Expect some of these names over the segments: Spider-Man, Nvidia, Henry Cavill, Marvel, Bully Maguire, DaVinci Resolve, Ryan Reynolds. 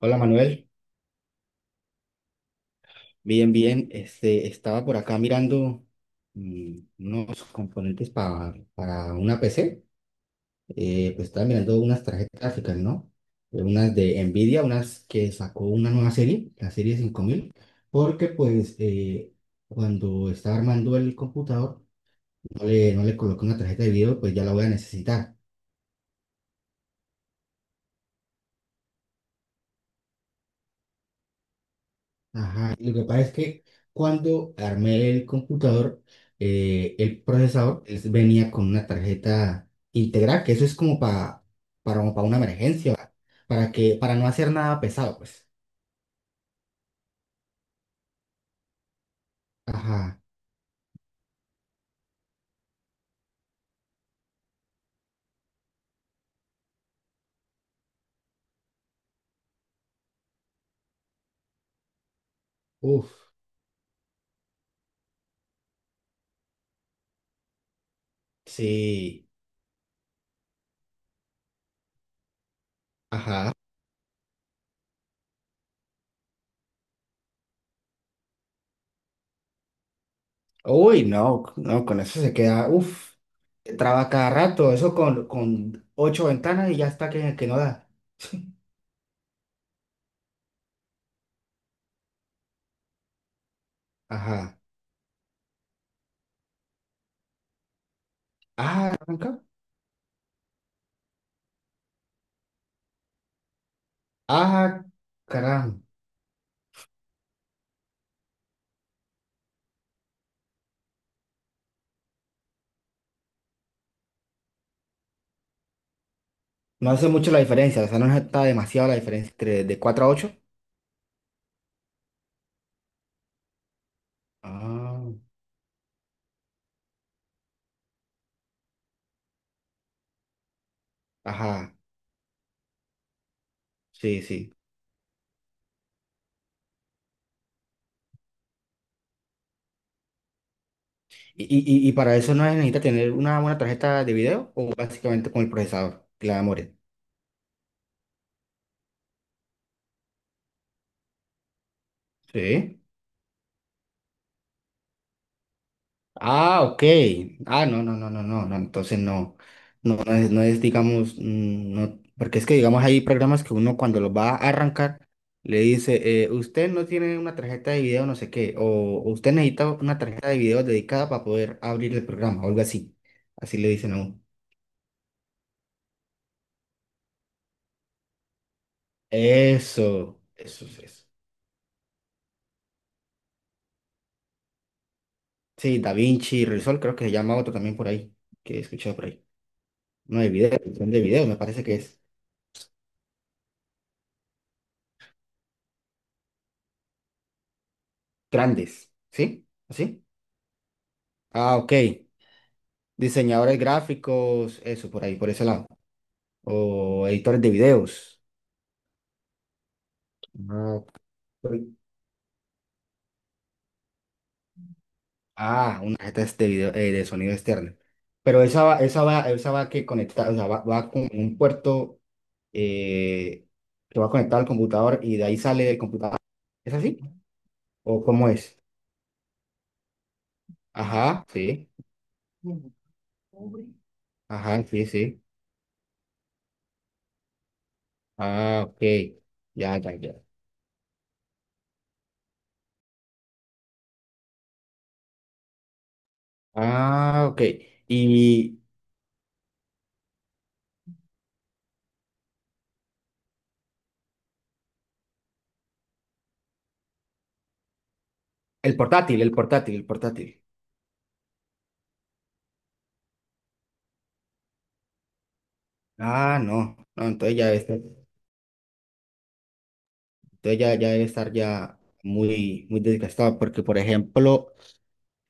Hola Manuel, bien, bien. Este, estaba por acá mirando unos componentes para una PC. Pues estaba mirando unas tarjetas gráficas, ¿no? Unas de Nvidia, unas que sacó una nueva serie, la serie 5000. Porque pues cuando estaba armando el computador no le coloqué una tarjeta de video, pues ya la voy a necesitar. Ajá. Lo que pasa es que cuando armé el computador, el procesador venía con una tarjeta integral, que eso es como para, como para una emergencia, para no hacer nada pesado, pues. Ajá, uff, sí, ajá. Uy, no, no, con eso se queda. Uff, traba cada rato, eso con ocho ventanas y ya está que no da. Ajá. Ah, arranca. Ah, caramba. No hace mucho la diferencia, o sea, no está demasiado la diferencia entre de 4 a ocho. Ah, ajá, sí, sí. ¿Y para eso no necesita tener una buena tarjeta de video o básicamente con el procesador, que la memoria? Sí. Ah, ok. Ah, no, no, no, no, no, no. Entonces no, no, no es, digamos, no, porque es que, digamos, hay programas que uno cuando los va a arrancar le dice, usted no tiene una tarjeta de video, no sé qué, o usted necesita una tarjeta de video dedicada para poder abrir el programa, o algo así. Así le dicen a uno. Eso es eso. Sí, DaVinci Resolve creo que se llama otro también por ahí, que he escuchado por ahí. No, de video, son de video, me parece que es grandes, ¿sí? ¿Así? Ah, ok. Diseñadores gráficos, eso, por ahí, por ese lado. O editores de videos. Ah, pero- ah, una tarjeta de video, de sonido externo. Pero esa va que conectar, o sea, va con un puerto eh, que va conectado al computador y de ahí sale el computador. ¿Es así? ¿O cómo es? Ajá, sí. Ajá, sí, sí. Ah, ok. Ya, ya, ya. Ah, ok. Y el portátil, el portátil, el portátil. Ah, no, no, entonces ya debe estar ya muy, muy desgastado, porque por ejemplo,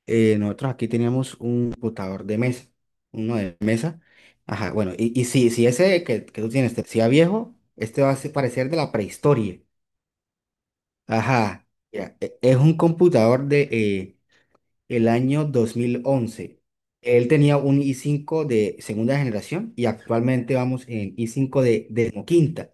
nosotros aquí teníamos un computador de mesa, uno de mesa, ajá, bueno, y si ese que tú tienes te parecía viejo, este va a parecer de la prehistoria, ajá, ya, es un computador de el año 2011. Él tenía un i5 de segunda generación y actualmente vamos en i5 de quinta.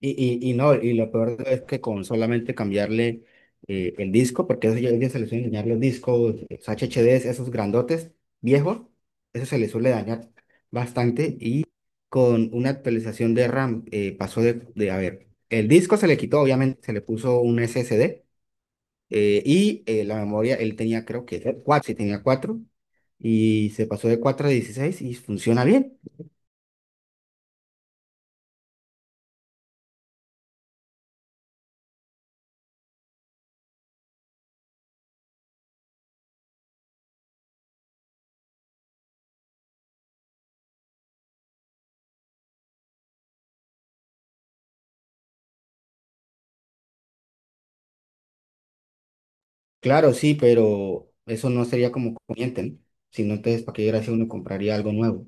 Y, y no, y lo peor es que con solamente cambiarle el disco, porque eso ya se les suele dañar los discos, los HDDs, esos grandotes, viejos, eso se les suele dañar bastante. Y con una actualización de RAM pasó de, a ver, el disco se le quitó, obviamente, se le puso un SSD y la memoria, él tenía creo que cuatro, sí tenía cuatro, y se pasó de 4 a 16 y funciona bien. Claro, sí, pero eso no sería como conveniente, ¿no? Si no, entonces, ¿para qué gracia uno compraría algo nuevo?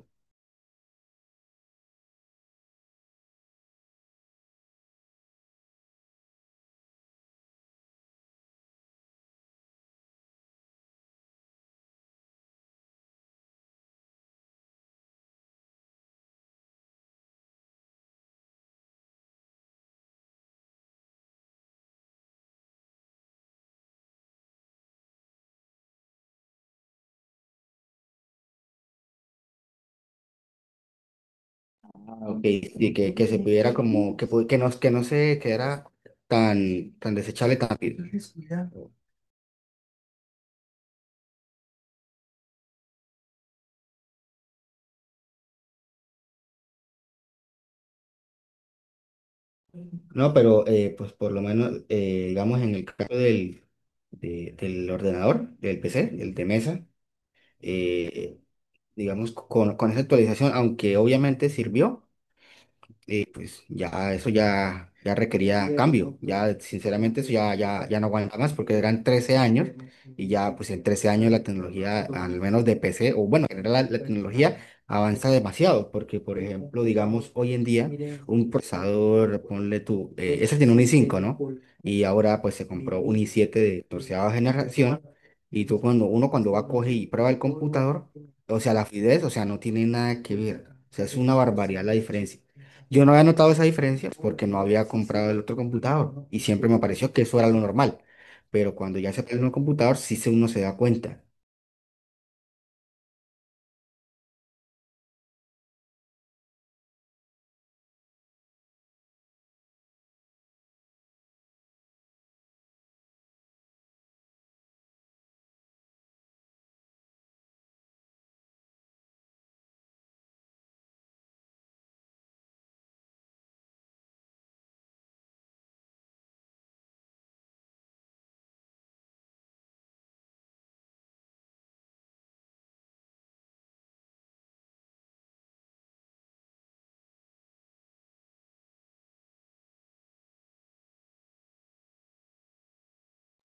Y que se pudiera como, no, que no se quedara tan, tan desechable tan rápido. Exacto. No, pero pues por lo menos, digamos, en el caso del ordenador, del PC, del de mesa, eh, digamos, con esa actualización, aunque obviamente sirvió. Pues ya eso ya requería cambio, ya sinceramente eso ya no aguanta más porque eran 13 años, y ya pues en 13 años la tecnología, al menos de PC, o bueno, en general la tecnología avanza demasiado porque por ejemplo, digamos hoy en día un procesador, ponle tú, ese tiene un i5, ¿no? Y ahora pues se compró un i7 de 14 generación y tú cuando uno cuando va a coger y prueba el computador, o sea, la fluidez, o sea, no tiene nada que ver. O sea, es una barbaridad la diferencia. Yo no había notado esa diferencia porque no había comprado el otro computador y siempre me pareció que eso era lo normal. Pero cuando ya se pierde un computador, sí uno se da cuenta.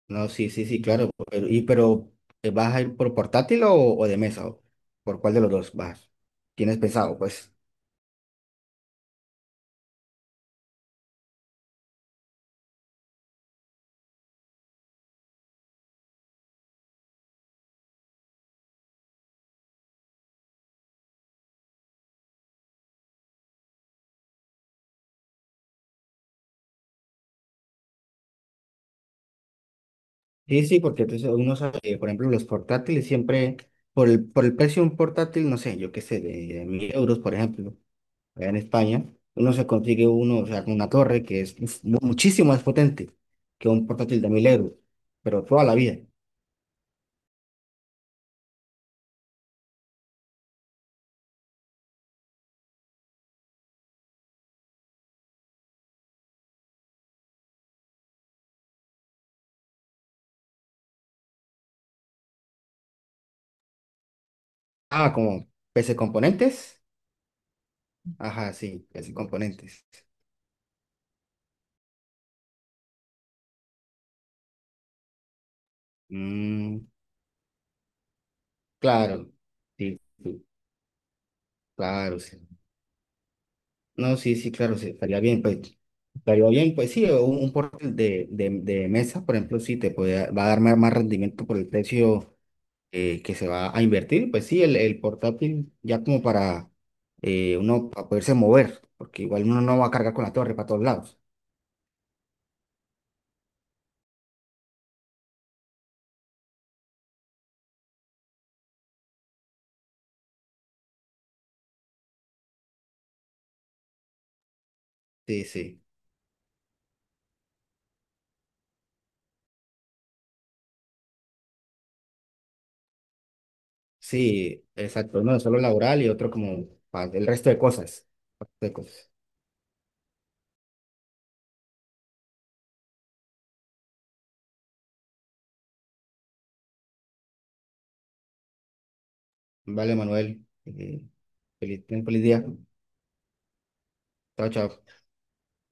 No, sí, sí, sí, claro. Pero ¿vas a ir por portátil o de mesa? ¿O ¿Por cuál de los dos vas? ¿Tienes pensado? Pues sí, sí, porque entonces uno sabe, por ejemplo, los portátiles siempre, por el precio de un portátil, no sé, yo qué sé, de 1000 euros, por ejemplo. Allá en España, uno se consigue uno, o sea, con una torre que es uf, muchísimo más potente que un portátil de 1000 euros, pero toda la vida. Ah, como PC componentes. Ajá, sí, PC componentes. Mm, claro, sí, sí, claro, sí. No, sí, sí, claro, sí, estaría bien, pues. Estaría bien, pues sí, un portátil de mesa, por ejemplo, sí, te puede, va a dar más rendimiento por el precio que se va a invertir, pues sí, el portátil ya como para uno para poderse mover, porque igual uno no va a cargar con la torre para todos lados. Sí, sí, sí, exacto, uno solo laboral y otro como para el resto de cosas. Para el resto de cosas. Vale, Manuel, ten feliz día. Chao, chao.